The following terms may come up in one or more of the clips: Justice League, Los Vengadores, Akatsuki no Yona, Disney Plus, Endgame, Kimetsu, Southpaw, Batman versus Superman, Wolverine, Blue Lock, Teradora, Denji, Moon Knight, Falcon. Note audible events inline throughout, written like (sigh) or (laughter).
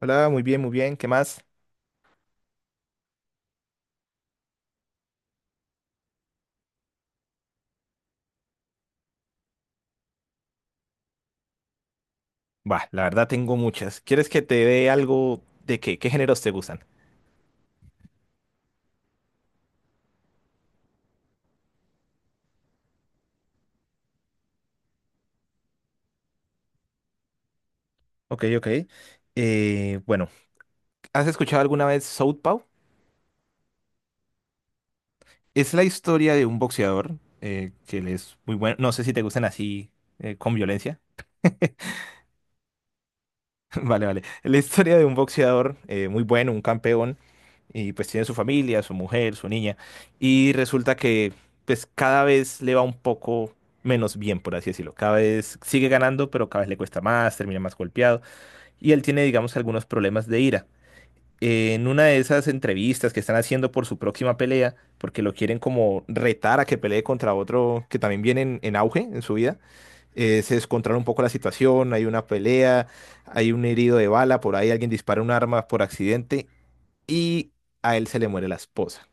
Hola, muy bien, muy bien. ¿Qué más? Bah, la verdad tengo muchas. ¿Quieres que te dé algo de qué? ¿Qué géneros te gustan? Ok, ok. Eh, bueno, ¿Has escuchado alguna vez Southpaw? Es la historia de un boxeador que él es muy bueno. No sé si te gustan así con violencia. (laughs) Vale, vale. La historia de un boxeador muy bueno, un campeón. Y pues tiene su familia, su mujer, su niña, y resulta que pues cada vez le va un poco menos bien, por así decirlo. Cada vez sigue ganando, pero cada vez le cuesta más, termina más golpeado, y él tiene, digamos, algunos problemas de ira. En una de esas entrevistas que están haciendo por su próxima pelea, porque lo quieren como retar a que pelee contra otro que también viene en auge en su vida, se descontrola un poco la situación, hay una pelea, hay un herido de bala, por ahí alguien dispara un arma por accidente y a él se le muere la esposa.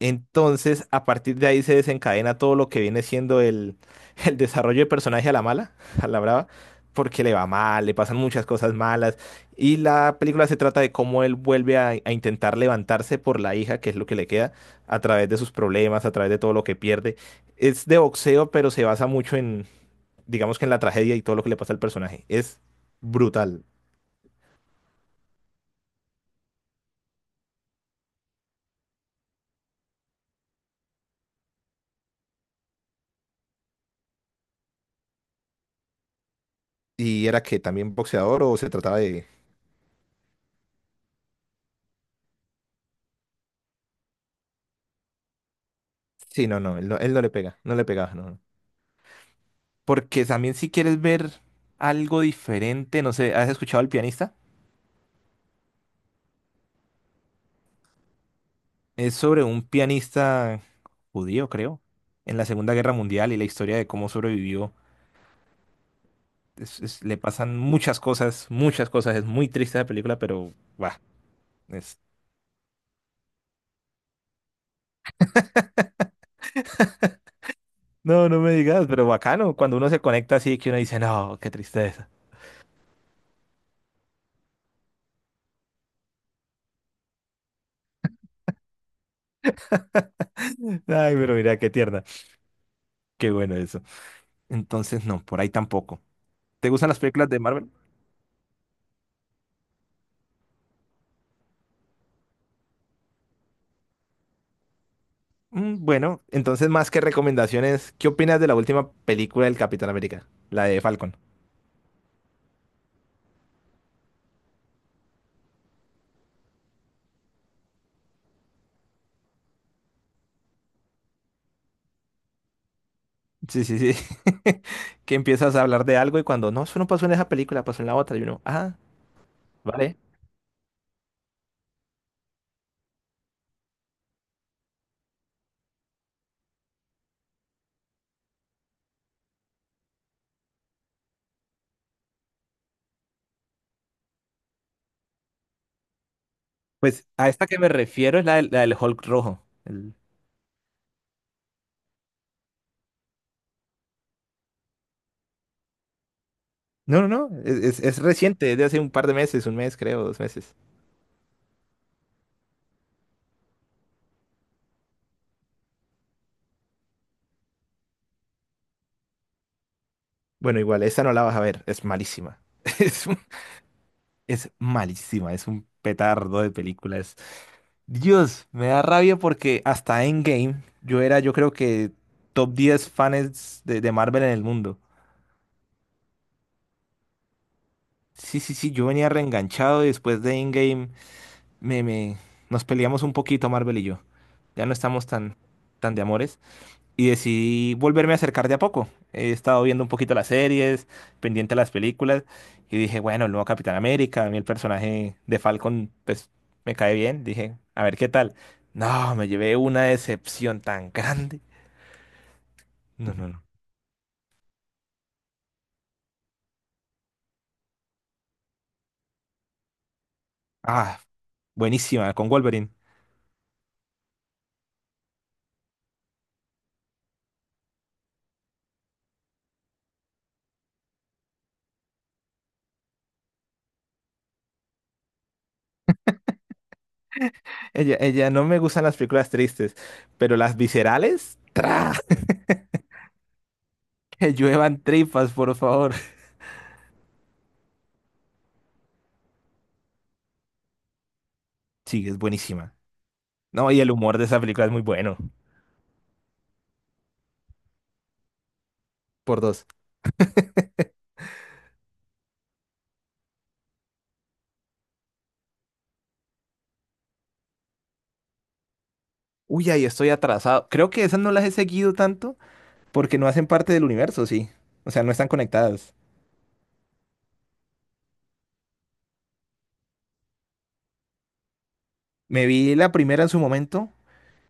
Entonces, a partir de ahí se desencadena todo lo que viene siendo el, (laughs) el desarrollo de personaje a la mala, (laughs) a la brava, porque le va mal, le pasan muchas cosas malas. Y la película se trata de cómo él vuelve a intentar levantarse por la hija, que es lo que le queda, a través de sus problemas, a través de todo lo que pierde. Es de boxeo, pero se basa mucho en, digamos que en la tragedia y todo lo que le pasa al personaje. Es brutal. ¿Y era que también boxeador o se trataba de, sí, no, no, él no, él no le pega, no le pegaba, no. No. Porque también si quieres ver algo diferente, no sé, ¿has escuchado al pianista? Es sobre un pianista judío, creo, en la Segunda Guerra Mundial y la historia de cómo sobrevivió. Le pasan muchas cosas, muchas cosas. Es muy triste la película, pero va. Es... No, no me digas, pero bacano. Cuando uno se conecta así, que uno dice, no, qué tristeza. (laughs) Ay, pero mira, qué tierna. Qué bueno eso. Entonces, no, por ahí tampoco. ¿Te gustan las películas de Marvel? Mm, bueno, entonces más que recomendaciones, ¿qué opinas de la última película del Capitán América? La de Falcon. Sí, sí, sí. (laughs) Que empiezas a hablar de algo y cuando no, eso no pasó en esa película, pasó en la otra. Y uno, ah, vale. Pues a esta que me refiero es la del Hulk rojo. No, no, no, es reciente, es de hace un par de meses, un mes creo, dos meses. Bueno, igual, esa no la vas a ver, es malísima. (laughs) Es, un- es malísima, es un petardo de películas. Dios, me da rabia porque hasta Endgame yo era, yo creo que top 10 fans de Marvel en el mundo. Sí, sí, sí, yo venía reenganchado y después de Endgame me, me, nos peleamos un poquito Marvel y yo. Ya no estamos tan, tan de amores. Y decidí volverme a acercar de a poco. He estado viendo un poquito las series, pendiente a las películas y dije, bueno, el nuevo Capitán América, a mí el personaje de Falcon, pues me cae bien. Dije, a ver qué tal. No, me llevé una decepción tan grande. No, no, no. Ah, buenísima, con Wolverine. Ella, no me gustan las películas tristes, pero las viscerales, ¡tra! (laughs) Que lluevan tripas, por favor. Sí, es buenísima. No, y el humor de esa película es muy bueno. Por dos. Uy, ahí estoy atrasado. Creo que esas no las he seguido tanto porque no hacen parte del universo, sí. O sea, no están conectadas. Me vi la primera en su momento,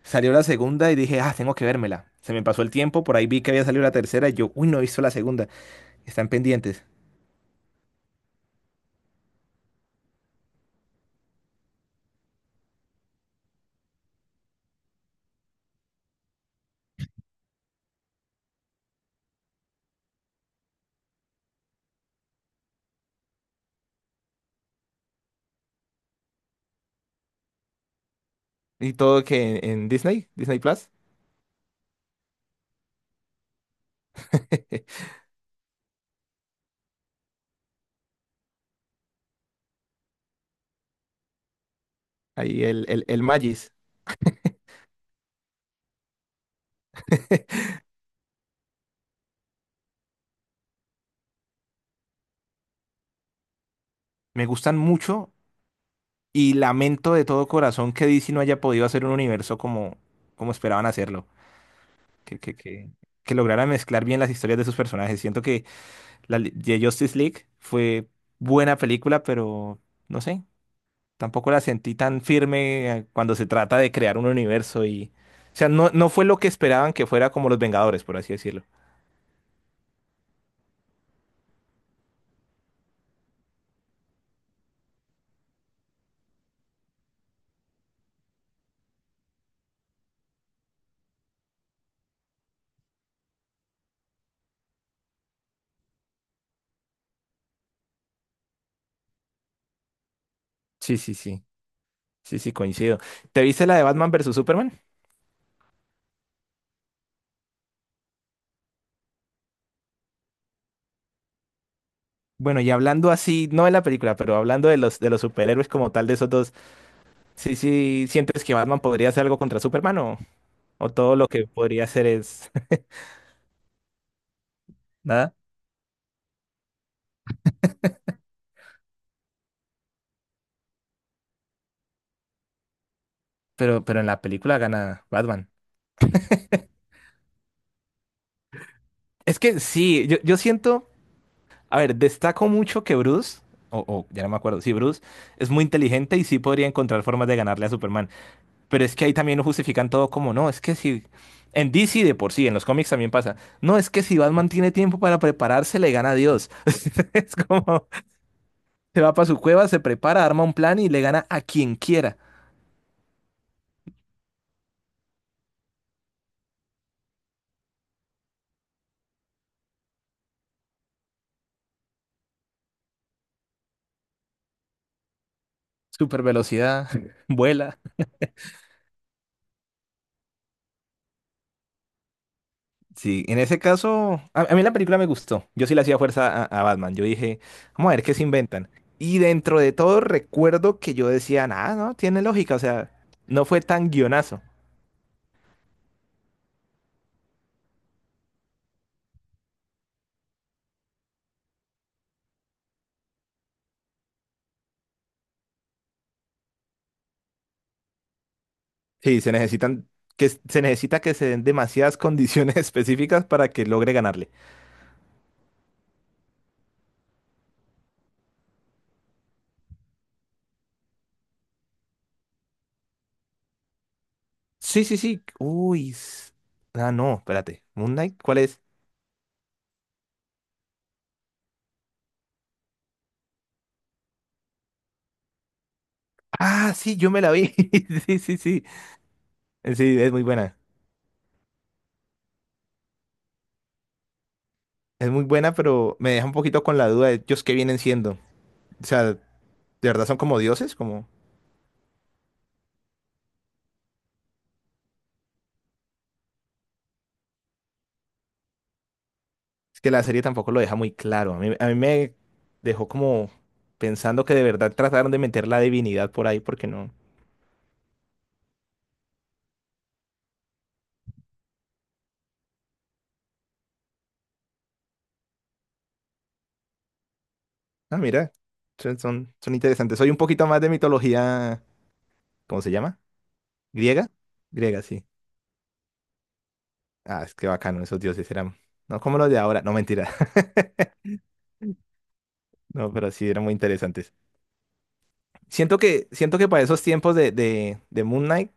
salió la segunda y dije, ah, tengo que vérmela. Se me pasó el tiempo, por ahí vi que había salido la tercera y yo, uy, no he visto la segunda. Están pendientes. Y todo que en Disney, Disney Plus. (laughs) Ahí el Magis. (laughs) Me gustan mucho y lamento de todo corazón que DC no haya podido hacer un universo como, como esperaban hacerlo. Que, que, que, que lograra mezclar bien las historias de sus personajes. Siento que de Justice League fue buena película, pero no sé, tampoco la sentí tan firme cuando se trata de crear un universo y... O sea, no, no fue lo que esperaban que fuera como Los Vengadores, por así decirlo. Sí, sí, sí. Sí, sí, coincido. ¿Te viste la de Batman versus Superman? Bueno, y hablando así, no de la película, pero hablando de los superhéroes como tal, de esos dos, sí, sí, ¿sientes que Batman podría hacer algo contra Superman o todo lo que podría hacer es (laughs) nada? Pero en la película gana Batman. Es que sí, yo siento, a ver, destaco mucho que Bruce, o ya no me acuerdo, sí, Bruce es muy inteligente y sí podría encontrar formas de ganarle a Superman. Pero es que ahí también lo justifican todo como, no, es que si... En DC de por sí, en los cómics también pasa. No, es que si Batman tiene tiempo para prepararse, le gana a Dios. (laughs) Es como, se va para su cueva, se prepara, arma un plan y le gana a quien quiera. Super velocidad, (laughs) vuela. Sí, en ese caso, a mí la película me gustó. Yo sí le hacía fuerza a Batman. Yo dije, vamos a ver qué se inventan. Y dentro de todo recuerdo que yo decía, nada, no, tiene lógica. O sea, no fue tan guionazo. Sí, se necesitan Que se necesita que se den demasiadas condiciones (laughs) específicas para que logre ganarle. Sí, sí, sí. Uy. Ah, no, espérate. Moon Knight, ¿cuál es? Ah, sí, yo me la vi. (laughs) Sí, sí, sí. Sí, es muy buena. Es muy buena, pero me deja un poquito con la duda de ellos qué vienen siendo. O sea, ¿de verdad son como dioses? Como es que la serie tampoco lo deja muy claro. A mí me dejó como pensando que de verdad trataron de meter la divinidad por ahí porque no. Ah, mira, son, son interesantes. Soy un poquito más de mitología, ¿cómo se llama? ¿Griega? Griega, sí. Ah, es que bacano, esos dioses eran, no como los de ahora, no mentira, (laughs) no, pero sí eran muy interesantes. Siento que para esos tiempos de Moon Knight,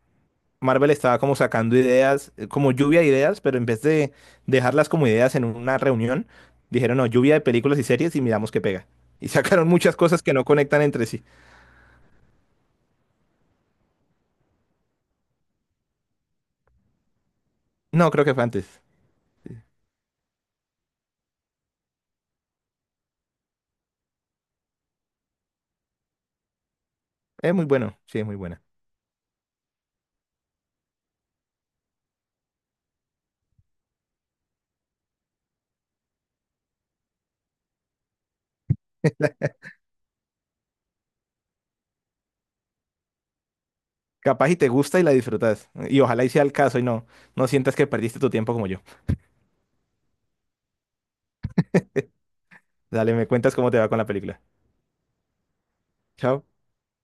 Marvel estaba como sacando ideas, como lluvia de ideas, pero en vez de dejarlas como ideas en una reunión, dijeron, no, lluvia de películas y series y miramos qué pega. Y (laughs) sacaron muchas cosas que no conectan entre sí. No, creo que fue antes. Es muy bueno, sí, es muy bueno. Capaz y te gusta y la disfrutas. Y ojalá y sea el caso y no, no sientas que perdiste tu tiempo como yo. Dale, me cuentas cómo te va con la película. Chao.